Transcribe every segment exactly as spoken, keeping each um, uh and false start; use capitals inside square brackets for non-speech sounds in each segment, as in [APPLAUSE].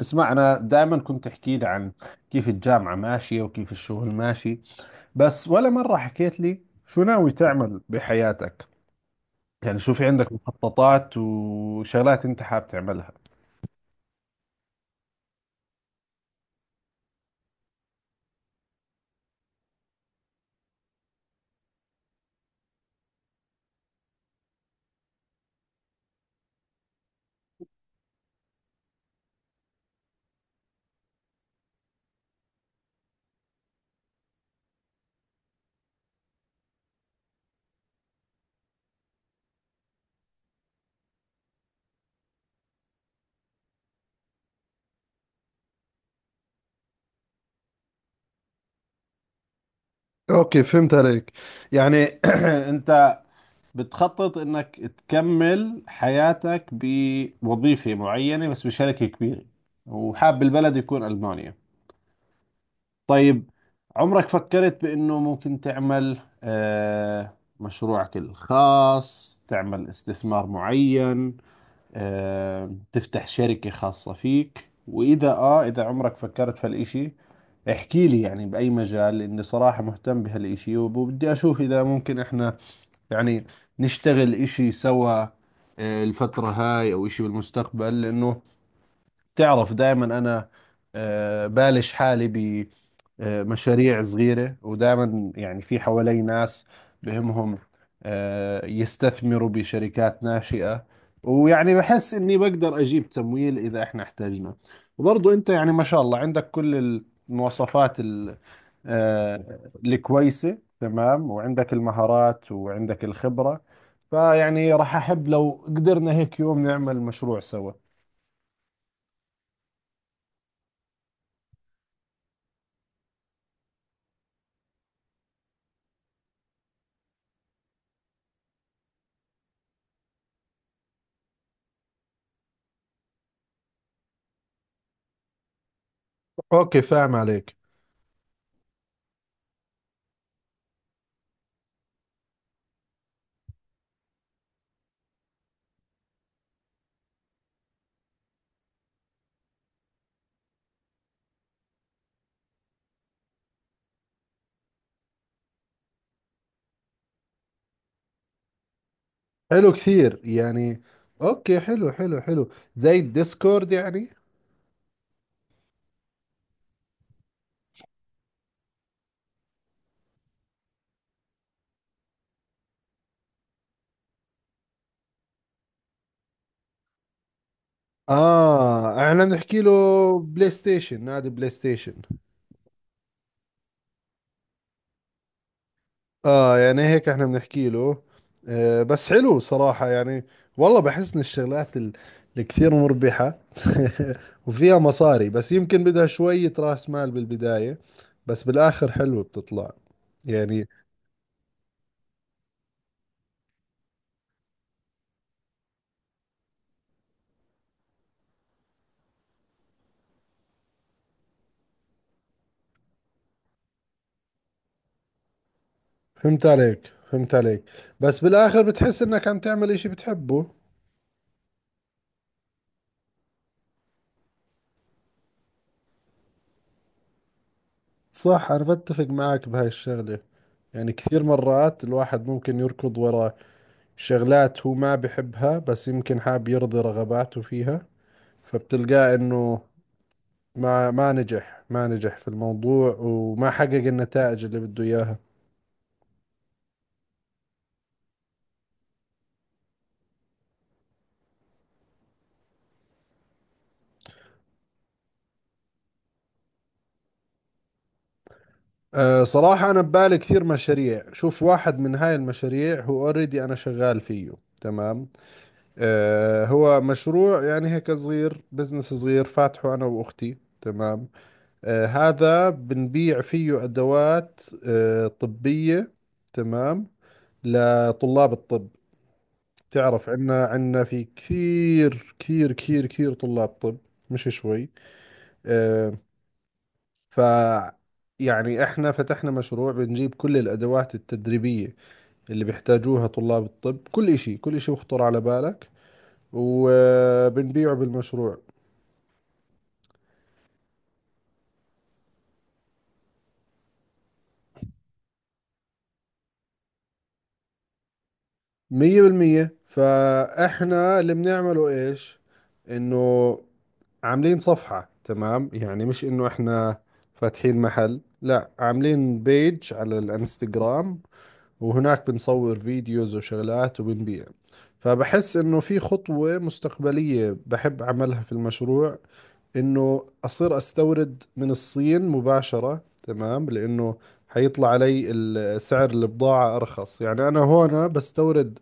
اسمع، أنا دائما كنت تحكي لي عن كيف الجامعة ماشية وكيف الشغل ماشي، بس ولا مرة حكيت لي شو ناوي تعمل بحياتك. يعني شو في عندك مخططات وشغلات أنت حاب تعملها؟ اوكي، فهمت عليك. يعني [CLEARS THROAT] أنت بتخطط إنك تكمل حياتك بوظيفة معينة، بس بشركة كبيرة، وحاب البلد يكون ألمانيا. طيب، عمرك فكرت بأنه ممكن تعمل آه، مشروعك الخاص، تعمل استثمار معين، آه، تفتح شركة خاصة فيك؟ وإذا آه إذا عمرك فكرت في هالإشي احكي لي، يعني بأي مجال، لأني صراحة مهتم بهالإشي وبدي أشوف إذا ممكن إحنا يعني نشتغل إشي سوا آه، الفترة هاي أو إشي بالمستقبل. لأنه تعرف دائما انا آه، بالش حالي بمشاريع صغيرة، ودائما يعني في حوالي ناس بهمهم آه، يستثمروا بشركات ناشئة، ويعني بحس اني بقدر اجيب تمويل اذا احنا احتاجنا. وبرضو انت يعني ما شاء الله عندك كل المواصفات ال- آه، الكويسة، تمام، وعندك المهارات وعندك الخبرة، فيعني راح احب لو قدرنا هيك يوم نعمل مشروع سوا. اوكي، فاهم عليك. حلو كثير يعني. اوكي، حلو حلو حلو، زي الديسكورد يعني. اه، احنا بنحكي له بلاي ستيشن، نادي بلاي ستيشن. اه، يعني هيك احنا بنحكي له. آه بس حلو صراحة يعني. والله بحس ان الشغلات ال- الكثير مربحة [LAUGHS] وفيها مصاري، بس يمكن بدها شوية راس مال بالبداية، بس بالاخر حلوة بتطلع يعني. فهمت عليك، فهمت عليك. بس بالاخر بتحس انك عم تعمل اشي بتحبه. صح، أنا بتفق معك بهاي الشغلة. يعني كثير مرات الواحد ممكن يركض وراء شغلات هو ما بحبها، بس يمكن حاب يرضي رغباته فيها، فبتلقاه إنه ما ما نجح ما نجح في الموضوع وما حقق النتائج اللي بده إياها. أه صراحة أنا ببالي كثير مشاريع. شوف، واحد من هاي المشاريع هو اوريدي، أنا شغال فيه، تمام. أه هو مشروع يعني هيك صغير، بزنس صغير فاتحه أنا وأختي، تمام. آه، هذا بنبيع فيه أدوات آه، طبية، تمام، لطلاب الطب. تعرف، عنا عنا في كثير كثير كثير كثير طلاب طب، مش شوي. آه، ف يعني احنا فتحنا مشروع بنجيب كل الأدوات التدريبية اللي بيحتاجوها طلاب الطب، كل إشي كل إشي يخطر على بالك، وبنبيعه بالمشروع. مية بالمية. فاحنا اللي بنعمله ايش؟ انه عاملين صفحة، تمام، يعني مش انه احنا فاتحين محل، لا، عاملين بيج على الانستغرام، وهناك بنصور فيديوز وشغلات وبنبيع. فبحس انه في خطوة مستقبلية بحب اعملها في المشروع، انه اصير استورد من الصين مباشرة، تمام، لانه حيطلع علي ال- سعر البضاعة ارخص. يعني انا هون بستورد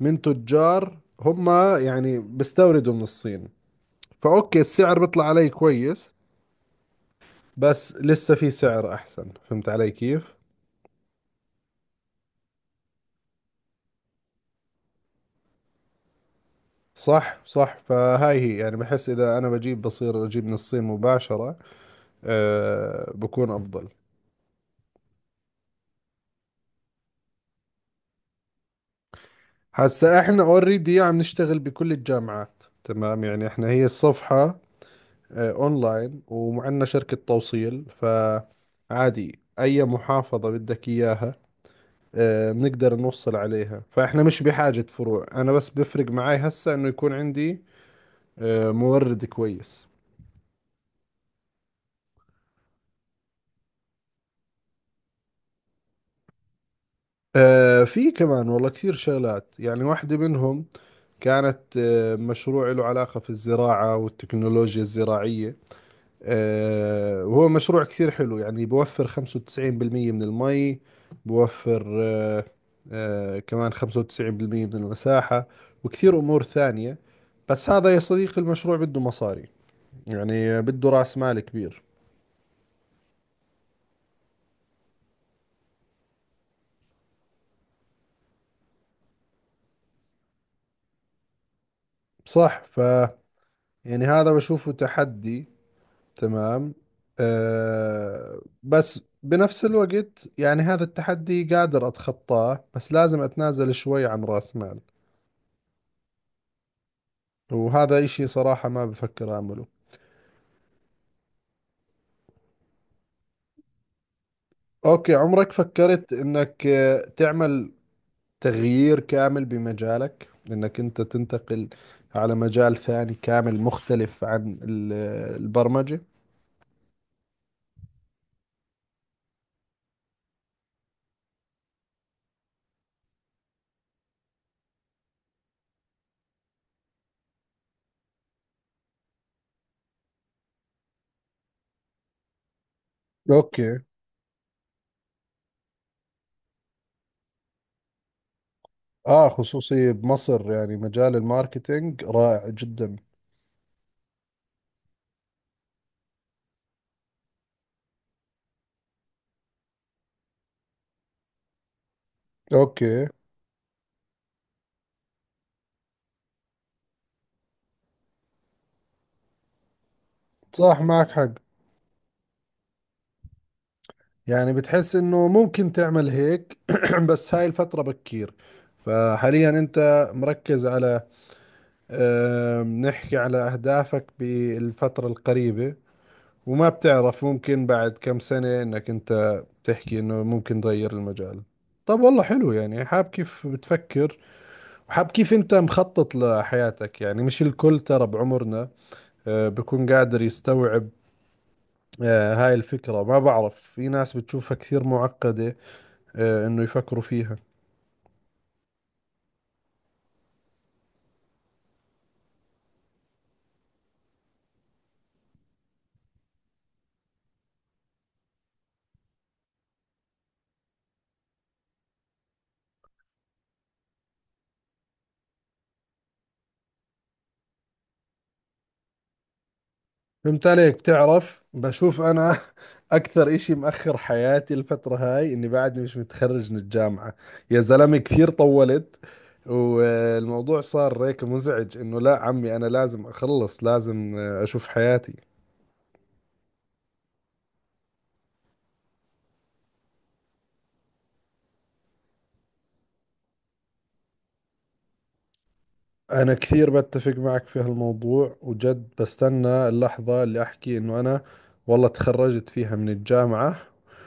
من تجار هم يعني بستوردوا من الصين، فأوكي السعر بيطلع علي كويس، بس لسه في سعر أحسن. فهمت علي كيف؟ صح، صح، فهاي هي يعني، بحس إذا أنا بجيب بصير أجيب من الصين مباشرة أه بكون أفضل. هسا إحنا اوريدي عم نشتغل بكل الجامعات، تمام، يعني إحنا هي الصفحة أه أونلاين، ومعنا شركة توصيل، فعادي أي محافظة بدك إياها آه، بنقدر نوصل عليها، فإحنا مش بحاجة فروع. أنا بس بفرق معي هسا إنه يكون عندي آه، مورد كويس. آه، في كمان والله كثير شغلات يعني. واحدة منهم كانت آه، مشروع له علاقة في الزراعة والتكنولوجيا الزراعية، آه، وهو مشروع كثير حلو يعني، بوفر خمسة وتسعين بالمية من المي بوفر آه، آه، كمان خمسة وتسعين بالمئة من المساحة، وكثير أمور ثانية. بس هذا يا صديقي المشروع بده مصاري، يعني بده رأس مال كبير. صح. ف يعني هذا بشوفه تحدي، تمام، أه بس بنفس الوقت يعني هذا التحدي قادر أتخطاه، بس لازم أتنازل شوي عن رأس مال، وهذا إشي صراحة ما بفكر أعمله. أوكي، عمرك فكرت إنك آه، تعمل تغيير كامل بمجالك، إنك أنت تنتقل على مجال ثاني كامل مختلف عن ال- البرمجة؟ اوكي. اه، خصوصي بمصر يعني مجال الماركتينج رائع جدا. اوكي، صح، معك حق، يعني بتحس انه ممكن تعمل هيك [CLEARS THROAT] بس هاي الفترة بكير. فحاليا انت مركز على آه، نحكي على اهدافك بالفترة القريبة، وما بتعرف، ممكن بعد كم سنة انك انت تحكي انه ممكن تغير المجال. طب، والله حلو، يعني حاب كيف بتفكر وحاب كيف انت مخطط لحياتك. يعني مش الكل ترى بعمرنا آه، بكون قادر يستوعب آه، هاي الفكرة. ما بعرف، في ناس بتشوفها كثير معقدة آه، انه يفكروا فيها. فهمت عليك. بتعرف، بشوف انا [LAUGHS] اكثر اشي مأخر حياتي الفترة هاي اني بعدني مش متخرج من الجامعة. يا زلمة، كثير طولت، والموضوع صار هيك مزعج، انه لا عمي، انا لازم اخلص، لازم آه، اشوف حياتي. انا كثير بتفق معك في هالموضوع، وجد بستنى اللحظة اللي احكي انه انا والله تخرجت فيها من الجامعة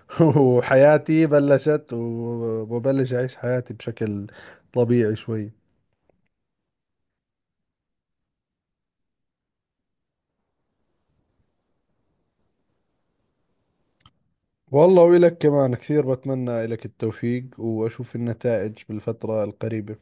[LAUGHS] وحياتي بلشت، وببلش اعيش حياتي بشكل طبيعي شوي. والله، وإلك كمان، كثير بتمنى لك التوفيق وأشوف النتائج بالفترة القريبة.